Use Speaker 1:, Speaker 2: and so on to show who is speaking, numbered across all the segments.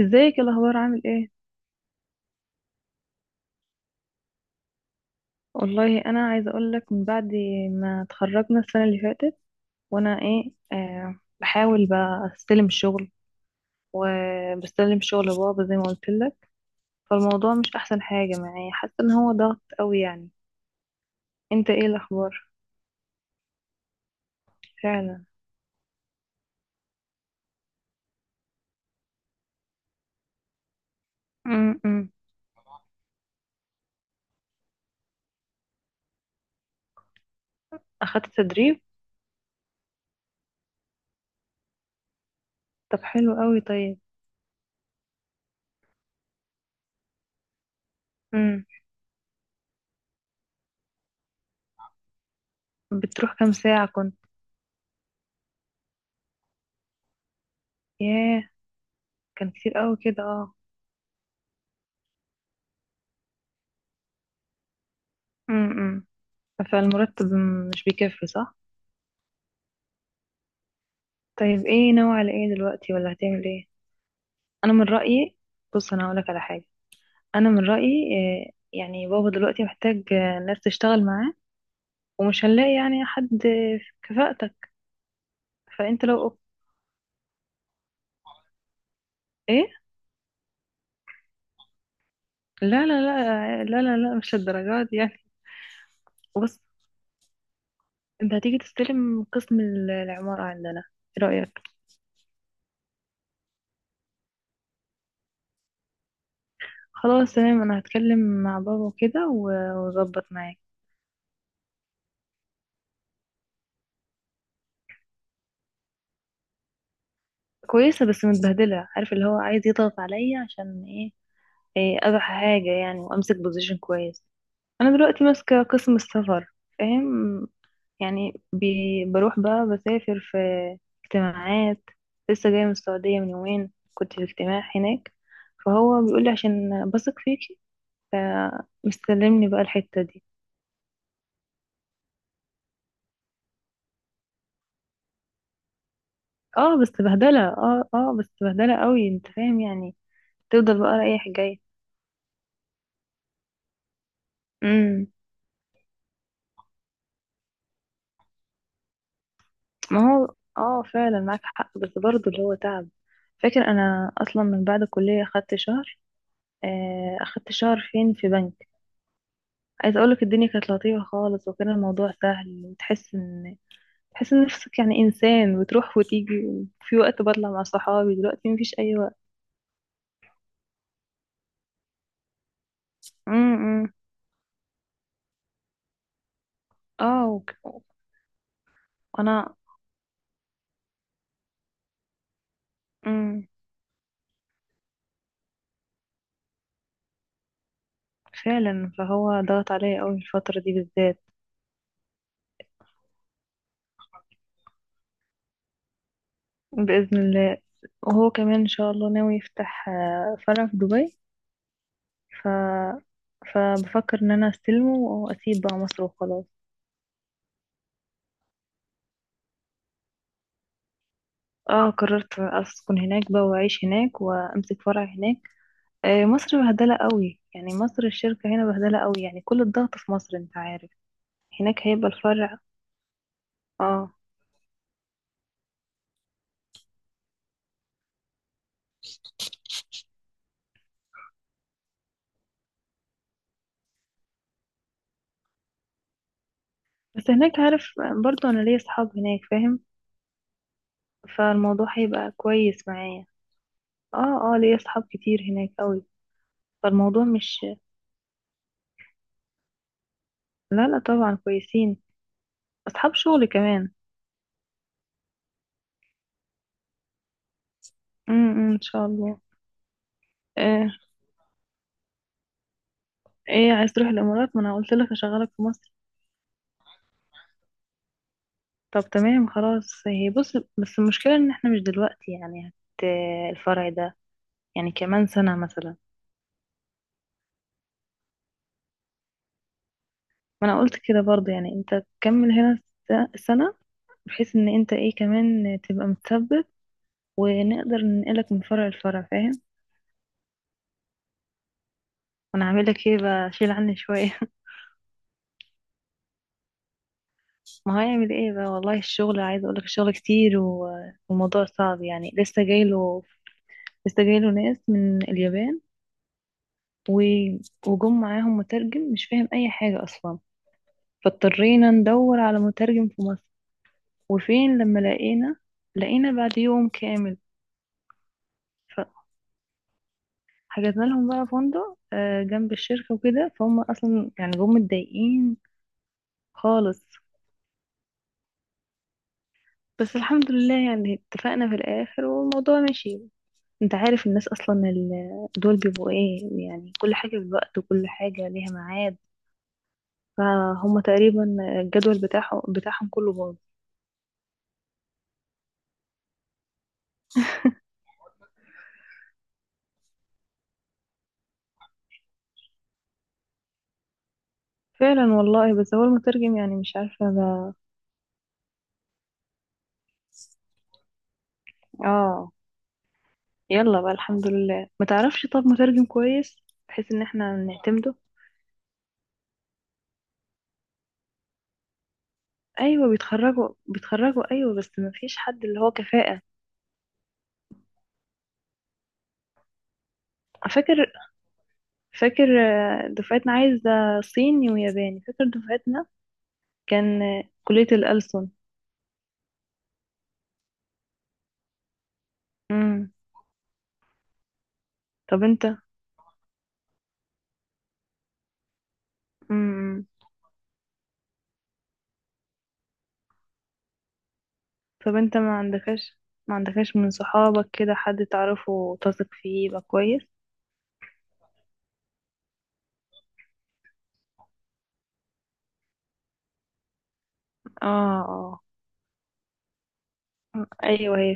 Speaker 1: ازيك؟ إيه الاخبار؟ عامل ايه؟ والله انا عايزه اقول لك من بعد ما اتخرجنا السنه اللي فاتت. وانا ايه آه بحاول بقى استلم شغل، وبستلم شغل بابا زي ما قلت لك. فالموضوع مش احسن حاجه معايا، حاسه ان هو ضغط قوي يعني. انت؟ ايه الاخبار؟ فعلا. امم اخدت تدريب؟ طب حلو قوي، طيب. امم بتروح كام ساعه كنت؟ ياه. كان كتير قوي كده، اه. امم فالمرتب مش بيكفي، صح؟ طيب، ايه ناوي على ايه دلوقتي، ولا هتعمل ايه؟ انا من رأيي، بص انا هقولك على حاجة. انا من رأيي يعني بابا دلوقتي محتاج ناس تشتغل معاه، ومش هنلاقي يعني حد في كفاءتك. فانت لو ايه... لا، لا، لا، لا، لا، لا، مش الدرجات دي يعني. بص، انت هتيجي تستلم قسم العمارة عندنا، ايه رأيك؟ خلاص، تمام، انا هتكلم مع بابا وكده واظبط معاك. كويسة بس متبهدلة، عارف، اللي هو عايز يضغط عليا عشان ايه. إيه، اروح حاجة يعني وامسك بوزيشن كويس. انا دلوقتي ماسكة قسم السفر، فاهم؟ يعني بروح بقى بسافر في اجتماعات. لسه جاية من السعودية، من يومين كنت في اجتماع هناك. فهو بيقول لي عشان بثق فيكي، فمستلمني بقى الحتة دي. اه، بس بهدلة. اه، اه، بس بهدلة قوي، انت فاهم يعني، تفضل بقى رايح جاي. امم ما هو، اه، فعلا معاك حق، بس برضه اللي هو تعب. فاكر، انا اصلا من بعد الكلية خدت شهر، اخدت شهر فين، في بنك. عايزه اقولك، الدنيا كانت لطيفه خالص، وكان الموضوع سهل. وتحس ان تحس ان نفسك يعني انسان، بتروح وتيجي. في وقت بطلع مع صحابي، دلوقتي مفيش اي وقت. امم، إمم. اه، وانا... امم فعلا، فهو ضغط عليا قوي الفتره دي بالذات. باذن الله. وهو كمان ان شاء الله ناوي يفتح فرع في دبي. ف فبفكر ان انا استلمه واسيب بقى مصر، وخلاص. اه، قررت اسكن هناك بقى، واعيش هناك، وامسك فرع هناك. مصر بهدله قوي يعني، مصر الشركه هنا بهدله قوي يعني، كل الضغط في مصر، انت عارف. هناك هيبقى الفرع. اه، بس هناك، عارف، برضو انا ليا اصحاب هناك، فاهم؟ فالموضوع هيبقى كويس معايا. اه، اه، ليا اصحاب كتير هناك قوي. فالموضوع مش... لا، لا، طبعا كويسين، اصحاب شغل كمان. امم، أمم، ان شاء الله. آه. ايه، عايز تروح الامارات؟ ما انا قلت لك اشغلك في مصر. طب تمام، خلاص، هي بص، بس المشكلة ان احنا مش دلوقتي، يعني الفرع ده يعني كمان سنة مثلا. ما انا قلت كده برضه، يعني انت تكمل هنا سنة، بحيث ان انت ايه كمان تبقى متثبت، ونقدر ننقلك من فرع لفرع، فاهم؟ وانا هعمل لك ايه بقى، شيل عني شوية. ما هو هيعمل ايه بقى. والله الشغل، عايز اقول لك الشغل كتير والموضوع صعب يعني. لسه جايله ناس من اليابان و- وجم معاهم مترجم مش فاهم اي حاجة اصلا. فاضطرينا ندور على مترجم في مصر. وفين لما لقينا، لقينا بعد يوم كامل. فحجزنا لهم بقى فندق جنب الشركة وكده. فهم أصلا يعني جم متضايقين خالص. بس الحمد لله، يعني اتفقنا في الآخر والموضوع مشي. انت عارف الناس أصلا دول بيبقوا ايه، يعني كل حاجة بالوقت وكل حاجة ليها ميعاد، فهم تقريبا الجدول بتاعهم كله باظ. فعلا والله، بس هو المترجم يعني مش عارفة بقى. اه، يلا بقى، الحمد لله. ما تعرفش طب مترجم كويس بحيث ان احنا نعتمده؟ ايوه، بيتخرجوا، بيتخرجوا ايوه، بس ما فيش حد اللي هو كفاءة. فاكر فاكر دفعتنا عايزة صيني وياباني. فاكر دفعتنا كان كلية الألسن. امم طب انت امم طب انت ما عندكش من صحابك كده حد تعرفه وتثق فيه يبقى كويس؟ اه، اه، ايوه، هي،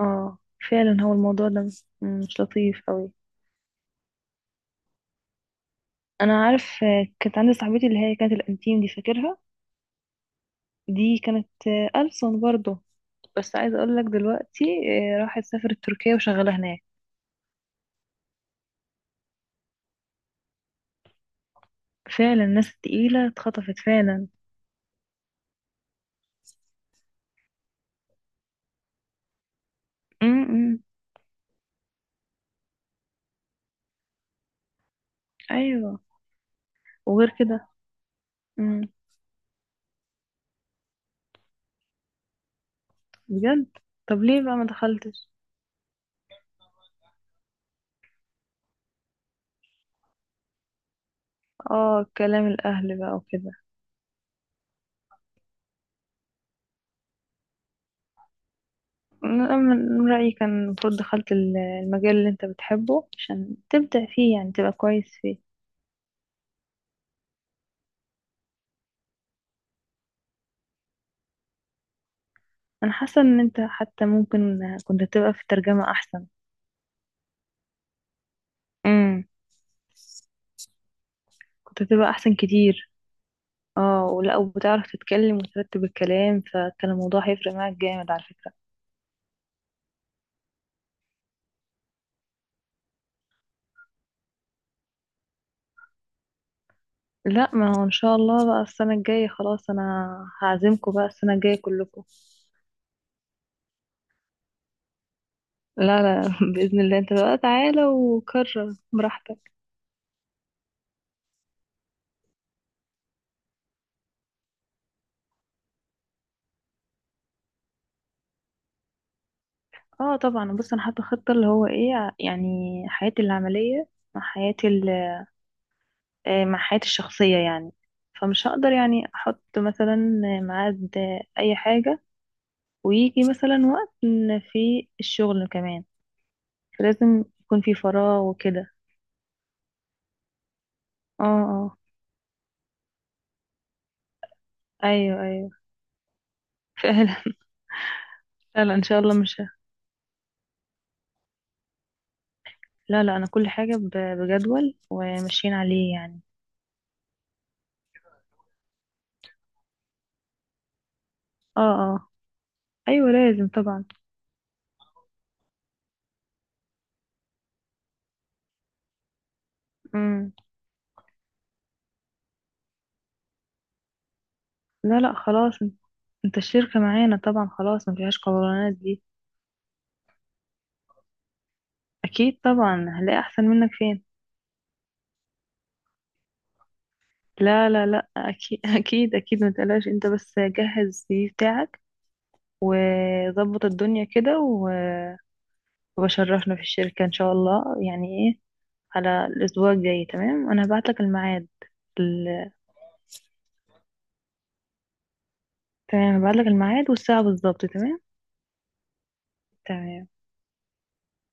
Speaker 1: اه، فعلا، هو الموضوع ده مش لطيف قوي. انا عارف. كانت عندي صاحبتي اللي هي كانت الانتيم دي، فاكرها؟ دي كانت ألسن برضه. بس عايزه اقول لك دلوقتي، راحت سافرت تركيا وشغاله هناك. فعلا، الناس التقيله اتخطفت فعلا. امم ايوه، وغير كده. امم بجد. طب ليه بقى ما دخلتش؟ اه، كلام الاهل بقى وكده. أنا من رأيي كان المفروض دخلت المجال اللي انت بتحبه، عشان تبدع فيه يعني، تبقى كويس فيه. انا حاسه ان انت حتى ممكن كنت تبقى في الترجمه احسن، كنت هتبقى احسن كتير. اه، ولا، وبتعرف تتكلم وترتب الكلام، فكان الموضوع هيفرق معاك جامد على فكرة. لا، ما هو ان شاء الله بقى السنة الجاية، خلاص، انا هعزمكم بقى السنة الجاية كلكم. لا، لا، بإذن الله. انت بقى تعالى وكرر براحتك. اه طبعا. بص، انا حاطة خطة، اللي هو ايه، يعني حياتي العملية مع حياتي ال- آه، مع حياتي الشخصية يعني. فمش هقدر يعني احط مثلا ميعاد اي حاجة، ويجي مثلا وقت إن في الشغل كمان لازم يكون في فراغ وكده. اه، اه، ايوه، ايوه، فعلا. فعلا ان شاء الله مش ه- لا، لا، انا كل حاجة بجدول وماشيين عليه يعني. اه، اه، ايوه، لازم طبعا. امم لا، لا، خلاص. انت الشركة معانا طبعا، خلاص، ما فيهاش قولانات دي. اكيد طبعا، هنلاقي احسن منك فين؟ لا، لا، لا، اكيد. اكيد، اكيد، ما تقلقش. انت بس جهز السي في بتاعك، وظبط الدنيا كده وبشرفنا في الشركة ان شاء الله يعني. إيه؟ على الأسبوع الجاي تمام. أنا هبعتلك الميعاد ال... تمام، هبعتلك الميعاد والساعة بالظبط. تمام. تمام.